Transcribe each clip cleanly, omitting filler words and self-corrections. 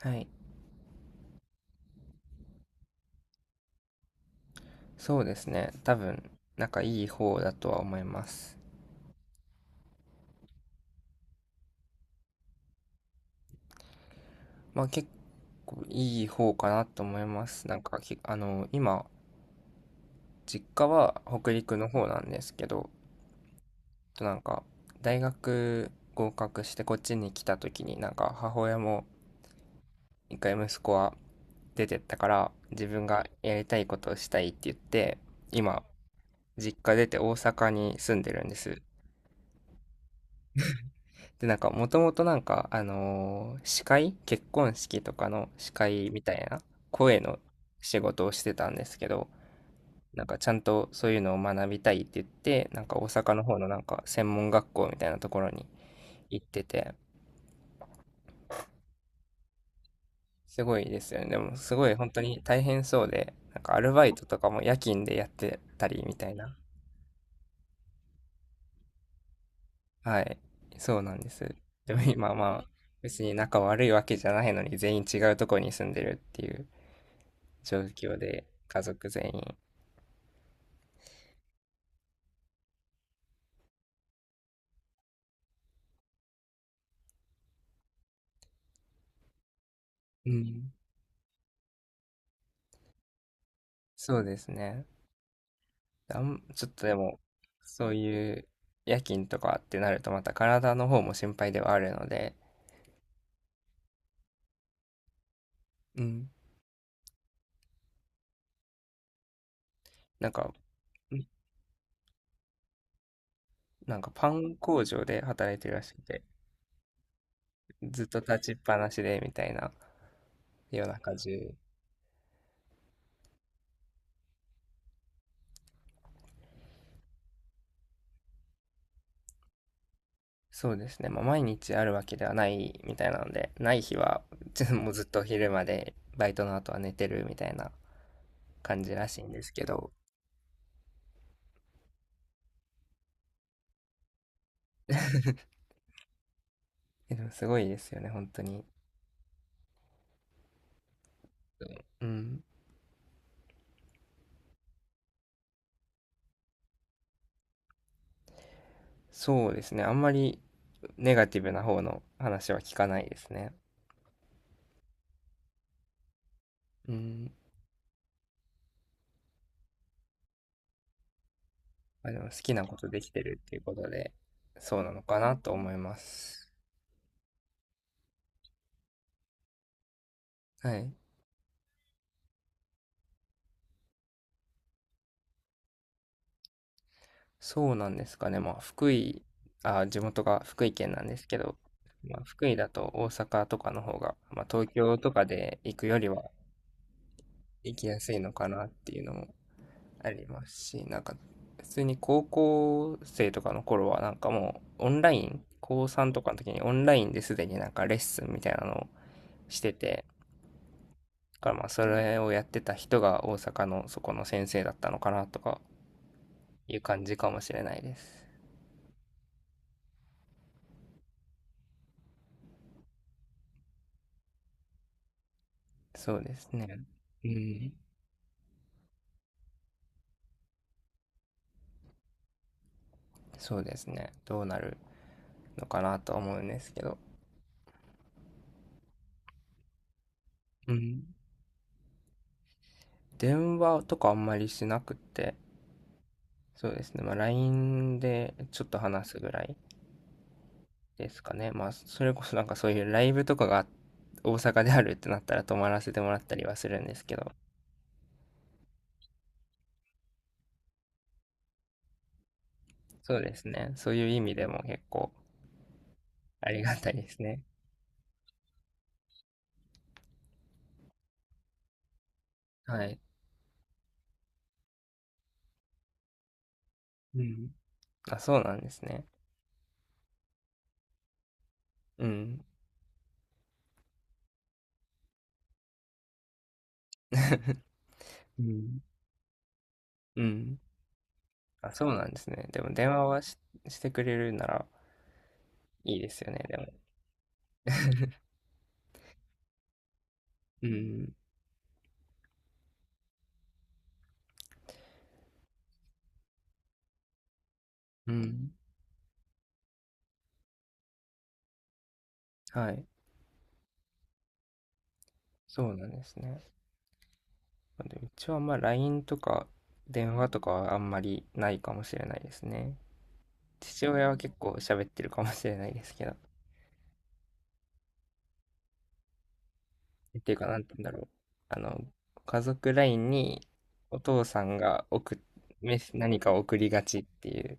はい。そうですね。多分、なんかいい方だとは思います。まあ結構いい方かなと思います。なんかき、あの、今、実家は北陸の方なんですけど、となんか、大学合格してこっちに来た時になんか母親も一回息子は出てったから自分がやりたいことをしたいって言って、今、実家出て大阪に住んでるんです。で、なんか、もともとなんか、あのー司会結婚式とかの司会みたいな声の仕事をしてたんですけど、なんかちゃんとそういうのを学びたいって言って、なんか大阪の方のなんか専門学校みたいなところに行ってて、すごいですよね。でもすごい本当に大変そうで、なんかアルバイトとかも夜勤でやってたりみたいな。はい。そうなんです。でも今まあ、別に仲悪いわけじゃないのに全員違うところに住んでるっていう。状況で、家族全員。うん。そうですね。ちょっとでも、そういう夜勤とかってなると、また体の方も心配ではあるので、うん。なんか、んなんかパン工場で働いてるらしくて、ずっと立ちっぱなしでみたいな、夜中中。そうですね、まあ、毎日あるわけではないみたいなので、ない日は、ちょっともうずっと昼まで、バイトの後は寝てるみたいな感じらしいんですけど、でもすごいですよね、本当に。うん。そうですね。あんまりネガティブな方の話は聞かないですね。うん。まあ、でも好きなことできてるっていうことで、そうなのかなと思います。はい。そうなんですかね。まあ、福井、あ、地元が福井県なんですけど、まあ、福井だと大阪とかの方が、まあ、東京とかで行くよりは行きやすいのかなっていうのもありますし、なんか、普通に高校生とかの頃は、なんかもう、オンライン、高3とかの時にオンラインですでになんかレッスンみたいなのをしてて、だからまあ、それをやってた人が大阪のそこの先生だったのかなとかいう感じかもしれないです。そうですね。うん。そうですね。どうなるのかなとは思うんですけど。うん。電話とかあんまりしなくって、そうですね。まあ、LINE でちょっと話すぐらいですかね。まあ、それこそなんかそういうライブとかが大阪であるってなったら泊まらせてもらったりはするんですけど、そうですね。そういう意味でも結構ありがたいですね。はい。うん。あ、そうなんですね。うん。うん。うん。あ、そうなんですね。でも電話はし、してくれるならいいですよね、でも。うん。うん。はい。そうなんですね。でうちはまあ LINE とか電話とかはあんまりないかもしれないですね。父親は結構喋ってるかもしれないですけど、っていうか、なんて言うんだろう。あの、家族 LINE にお父さんがメス何かを送りがちっていう、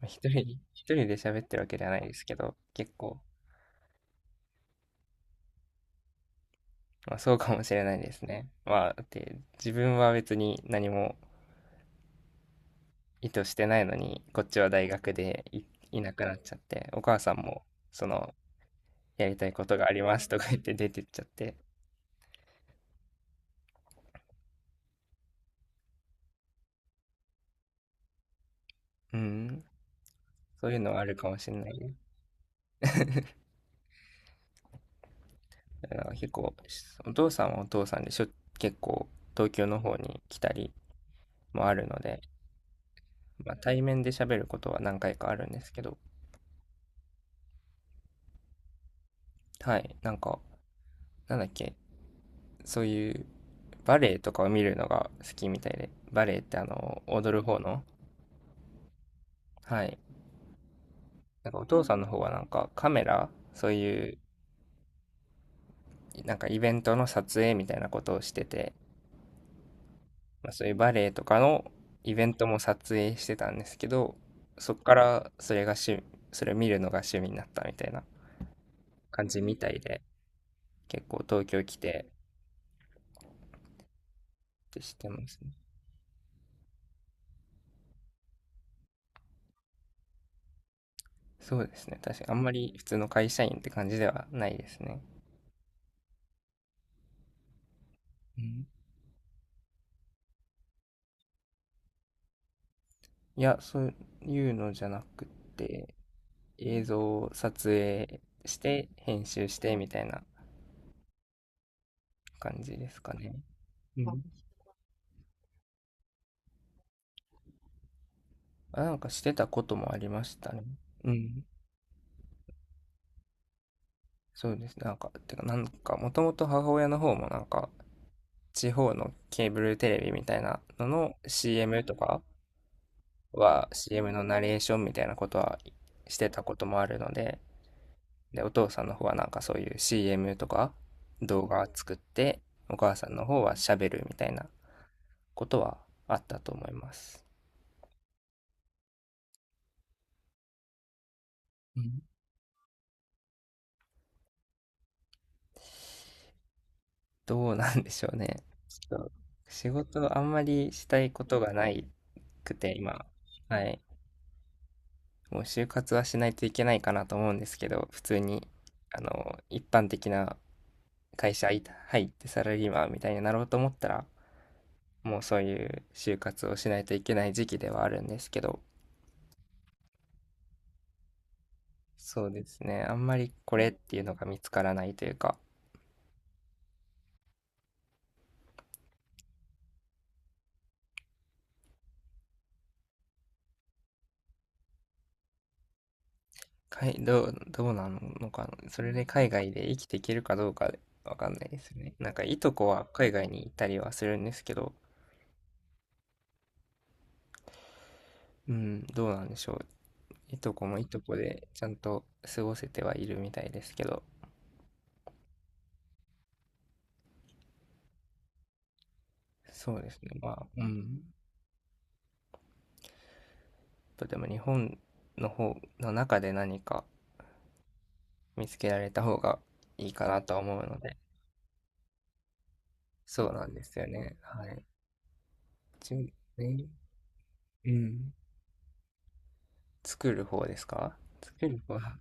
まあ一人、一人で喋ってるわけではないですけど、結構、まあそうかもしれないですね。まあ、だって自分は別に何も意図してないのに、こっちは大学でいなくなっちゃって、お母さんも、その、やりたいことがありますとか言って出てっちゃって、うん、そういうのはあるかもしれないです。だから結構、お父さんはお父さんでしょ、結構東京の方に来たりもあるので、まあ、対面で喋ることは何回かあるんですけど、はい、なんか、なんだっけ、そういうバレエとかを見るのが好きみたいで、バレエって踊る方の、はい、なんかお父さんの方はなんかカメラ、そういう、なんかイベントの撮影みたいなことをしてて、まあ、そういうバレエとかのイベントも撮影してたんですけど、そっからそれを見るのが趣味になったみたいな感じみたいで、結構東京来てってしてますね。そうですね。確かにあんまり普通の会社員って感じではないですね。うん、いや、そういうのじゃなくて、映像を撮影して編集してみたいな感じですかね。うん。あ、なんかしてたこともありましたね。うん。そうですね。なんか、てか、なんか、もともと母親の方もなんか、地方のケーブルテレビみたいなのの CM とかは、CM のナレーションみたいなことはしてたこともあるので、で、お父さんの方はなんかそういう CM とか動画作って、お母さんの方は喋るみたいなことはあったと思います。うん、どうなんでしょうね。ちょっと、仕事あんまりしたいことがないくて、今。はい。もう就活はしないといけないかなと思うんですけど、普通に、一般的な会社入ってサラリーマンみたいになろうと思ったら、もうそういう就活をしないといけない時期ではあるんですけど、そうですね、あんまりこれっていうのが見つからないというか、かいどう、どうなのかな、それで海外で生きていけるかどうかわかんないですね。なんかいとこは海外に行ったりはするんですけど、うん、どうなんでしょう。いとこもいとこでちゃんと過ごせてはいるみたいですけど、そうですね。まあ、うん。とでも日本の方の中で何か見つけられた方がいいかなとは思うので、そうなんですよね。はい。一応ね、うん。作る方ですか？作る方は、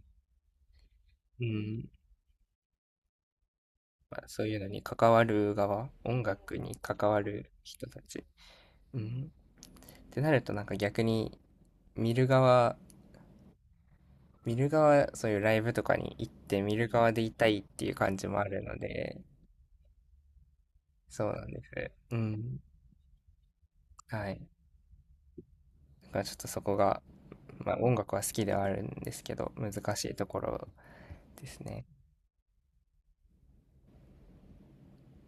うん。まあ、そういうのに関わる側、音楽に関わる人たち。うん。ってなるとなんか逆に見る側、見る側、そういうライブとかに行って見る側でいたいっていう感じもあるので、そうなんです。うん。はい。だからちょっとそこが、まあ、音楽は好きではあるんですけど、難しいところですね。